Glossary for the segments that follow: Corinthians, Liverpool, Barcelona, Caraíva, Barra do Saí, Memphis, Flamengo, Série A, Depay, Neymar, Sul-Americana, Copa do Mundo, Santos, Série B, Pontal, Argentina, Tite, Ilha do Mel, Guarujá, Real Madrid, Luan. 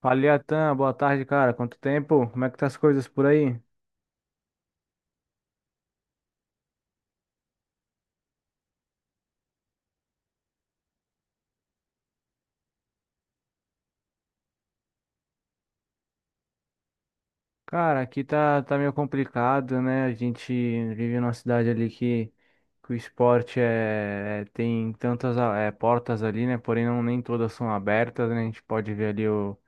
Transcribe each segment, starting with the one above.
Fala, Iatan, boa tarde, cara. Quanto tempo? Como é que tá as coisas por aí? Cara, aqui tá meio complicado, né? A gente vive numa cidade ali que o esporte tem tantas portas ali, né? Porém, não, nem todas são abertas, né? A gente pode ver ali o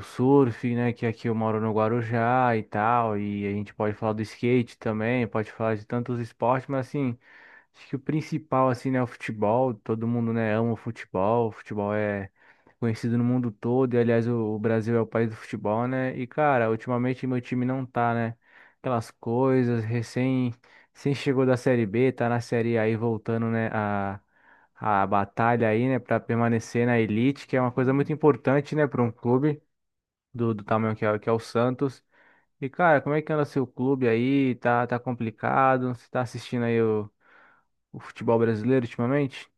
surf, né? Que aqui eu moro no Guarujá e tal. E a gente pode falar do skate também, pode falar de tantos esportes, mas assim, acho que o principal, assim, né, é o futebol. Todo mundo, né, ama o futebol. O futebol é conhecido no mundo todo. E, aliás, o Brasil é o país do futebol, né? E, cara, ultimamente meu time não tá, né? Aquelas coisas, recém chegou da Série B, tá na Série A aí voltando, né, a batalha aí, né, pra permanecer na elite, que é uma coisa muito importante, né, pra um clube do tamanho que é o Santos. E, cara, como é que anda seu clube aí? Tá complicado? Você tá assistindo aí o futebol brasileiro ultimamente?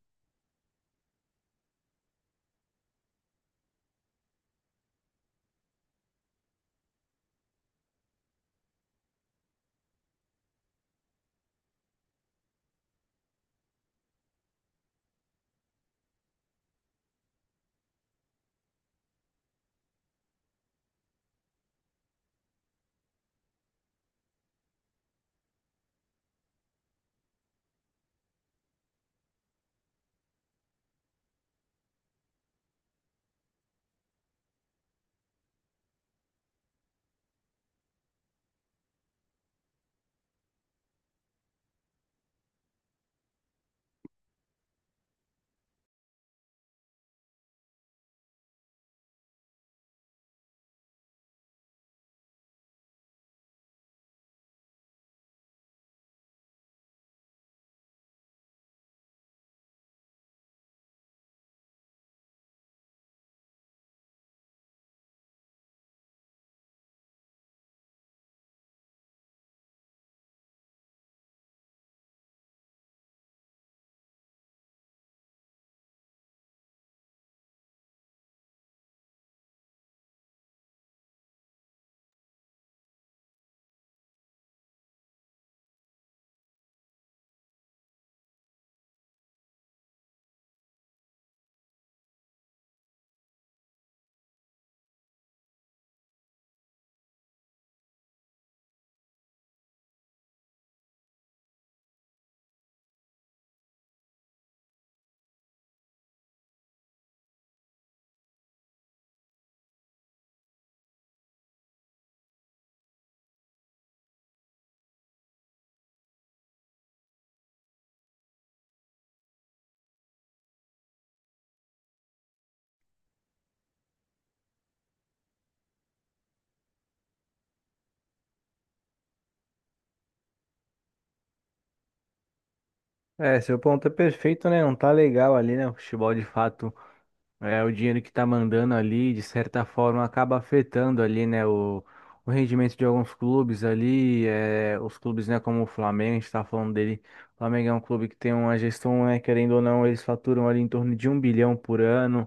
É, seu ponto é perfeito, né? Não tá legal ali, né? O futebol, de fato, o dinheiro que tá mandando ali, de certa forma, acaba afetando ali, né, o rendimento de alguns clubes ali, os clubes, né, como o Flamengo, a gente tá falando dele. O Flamengo é um clube que tem uma gestão, né, querendo ou não, eles faturam ali em torno de 1 bilhão por ano,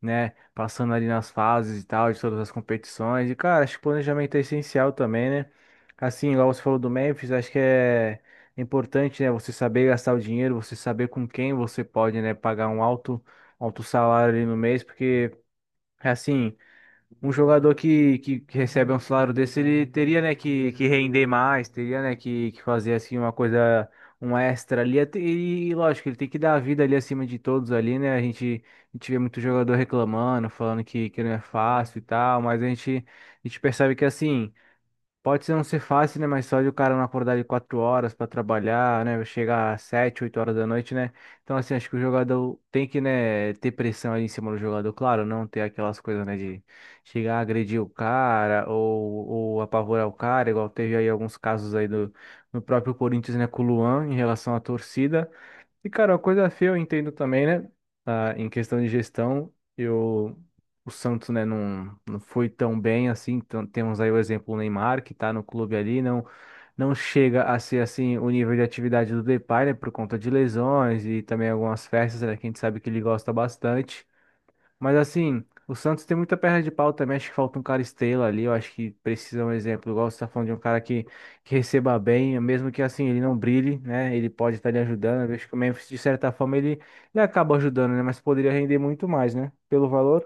né? Passando ali nas fases e tal, de todas as competições. E, cara, acho que planejamento é essencial também, né? Assim, igual você falou do Memphis, acho que é importante, né? Você saber gastar o dinheiro, você saber com quem você pode, né? Pagar um alto, alto salário ali no mês, porque, assim, um jogador que recebe um salário desse, ele teria, né, que render mais, teria, né, que fazer, assim, uma coisa, um extra ali, e lógico, ele tem que dar a vida ali acima de todos ali, né. A gente vê muito jogador reclamando, falando que não é fácil e tal, mas a gente percebe que, assim, pode ser não ser fácil, né? Mas só de o cara não acordar de 4 horas para trabalhar, né? Chegar às 7, 8 horas da noite, né? Então, assim, acho que o jogador tem que, né, ter pressão ali em cima do jogador, claro, não ter aquelas coisas, né, de chegar a agredir o cara ou apavorar o cara, igual teve aí alguns casos aí no próprio Corinthians, né, com o Luan em relação à torcida. E, cara, uma coisa feia eu entendo também, né? Ah, em questão de gestão, o Santos, né, não, não foi tão bem assim. Então, temos aí o exemplo do Neymar, que tá no clube ali, não, não chega a ser assim o nível de atividade do Depay, né, por conta de lesões e também algumas festas, né, que a gente sabe que ele gosta bastante. Mas assim, o Santos tem muita perna de pau também. Acho que falta um cara estrela ali. Eu acho que precisa um exemplo. Igual você tá falando de um cara que receba bem, mesmo que assim ele não brilhe, né? Ele pode estar lhe ajudando. Eu acho que o Memphis, de certa forma, ele acaba ajudando, né? Mas poderia render muito mais, né? Pelo valor.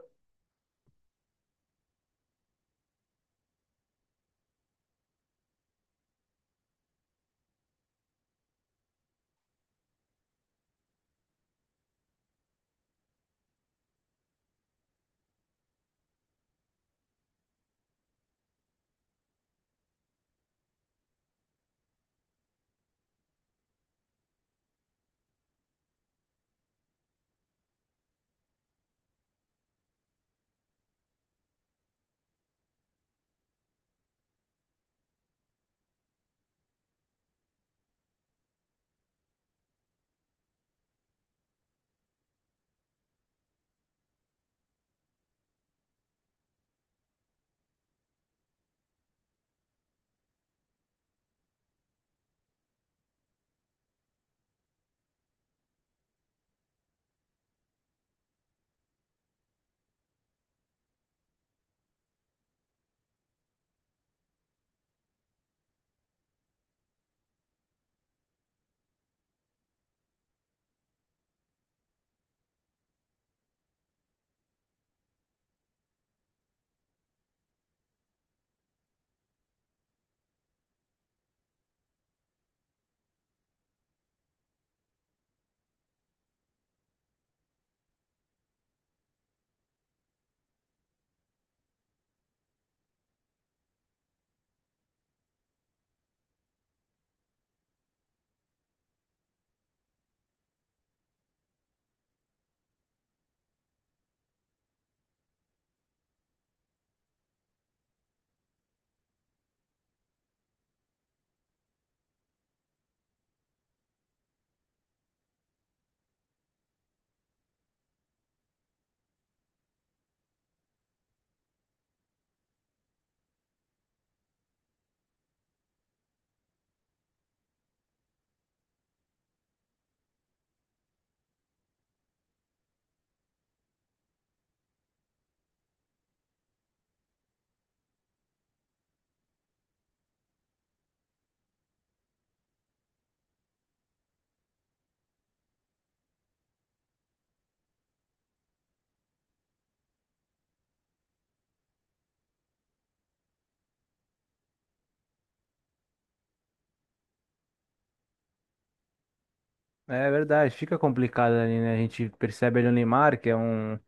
É verdade, fica complicado ali, né? A gente percebe ali o Neymar, que é um,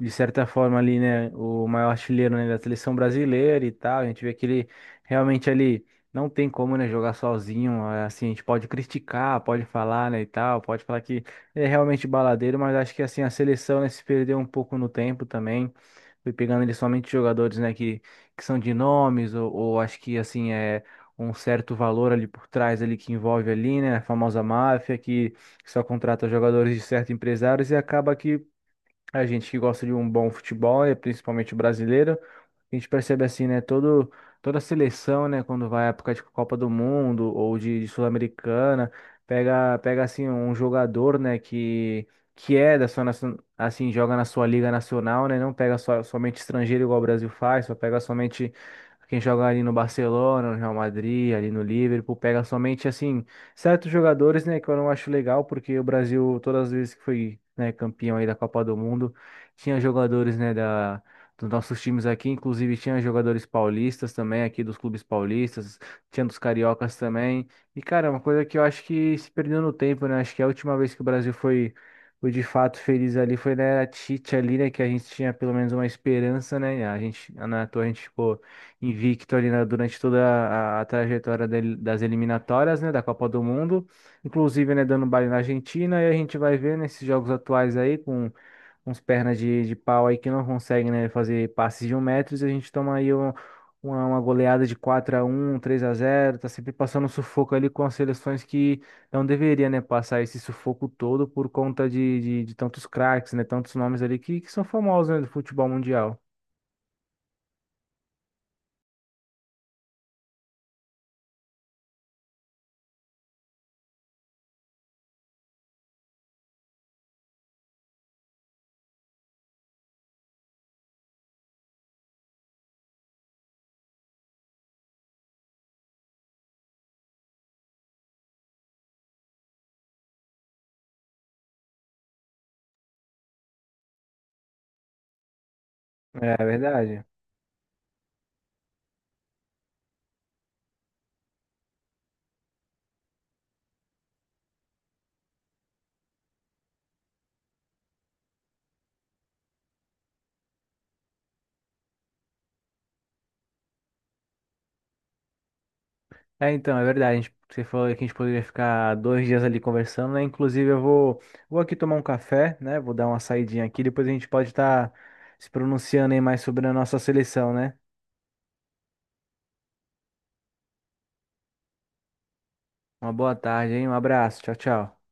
de certa forma ali, né, o maior artilheiro, né, da seleção brasileira e tal. A gente vê que ele realmente ali não tem como, né, jogar sozinho. É, assim, a gente pode criticar, pode falar, né, e tal, pode falar que ele é realmente baladeiro, mas acho que assim a seleção, né, se perdeu um pouco no tempo também. Foi pegando ali somente jogadores, né, que são de nomes, ou acho que assim é um certo valor ali por trás ali que envolve ali, né, a famosa máfia que só contrata jogadores de certos empresários, e acaba que a gente que gosta de um bom futebol, é principalmente o brasileiro, a gente percebe assim, né, todo toda a seleção, né, quando vai à época de Copa do Mundo ou de Sul-Americana, pega assim um jogador, né, que é da sua assim, joga na sua liga nacional, né, não pega só, somente estrangeiro igual o Brasil faz, só pega somente quem joga ali no Barcelona, no Real Madrid, ali no Liverpool, pega somente assim certos jogadores, né, que eu não acho legal, porque o Brasil, todas as vezes que foi, né, campeão aí da Copa do Mundo, tinha jogadores, né, dos nossos times aqui, inclusive tinha jogadores paulistas também, aqui dos clubes paulistas, tinha dos cariocas também. E, cara, é uma coisa que eu acho que se perdeu no tempo, né? Acho que a última vez que o Brasil foi, foi de fato feliz ali foi na era Tite ali, né, que a gente tinha pelo menos uma esperança, né? A gente, na toa, a gente ficou invicto ali durante toda a trajetória das eliminatórias, né, da Copa do Mundo, inclusive, né, dando baile na Argentina, e a gente vai ver nesses jogos atuais aí com uns pernas de pau aí que não conseguem, né, fazer passes de 1 metro, e a gente toma aí uma goleada de 4-1, 3-0. Tá sempre passando sufoco ali com as seleções que não deveria, né, passar esse sufoco todo por conta de tantos craques, né, tantos nomes ali que são famosos, né, do futebol mundial. É verdade. É, então, é verdade. Você falou que a gente poderia ficar 2 dias ali conversando, né? Inclusive, eu vou aqui tomar um café, né? Vou dar uma saidinha aqui. Depois a gente pode estar se pronunciando aí mais sobre a nossa seleção, né? Uma boa tarde, hein? Um abraço. Tchau, tchau.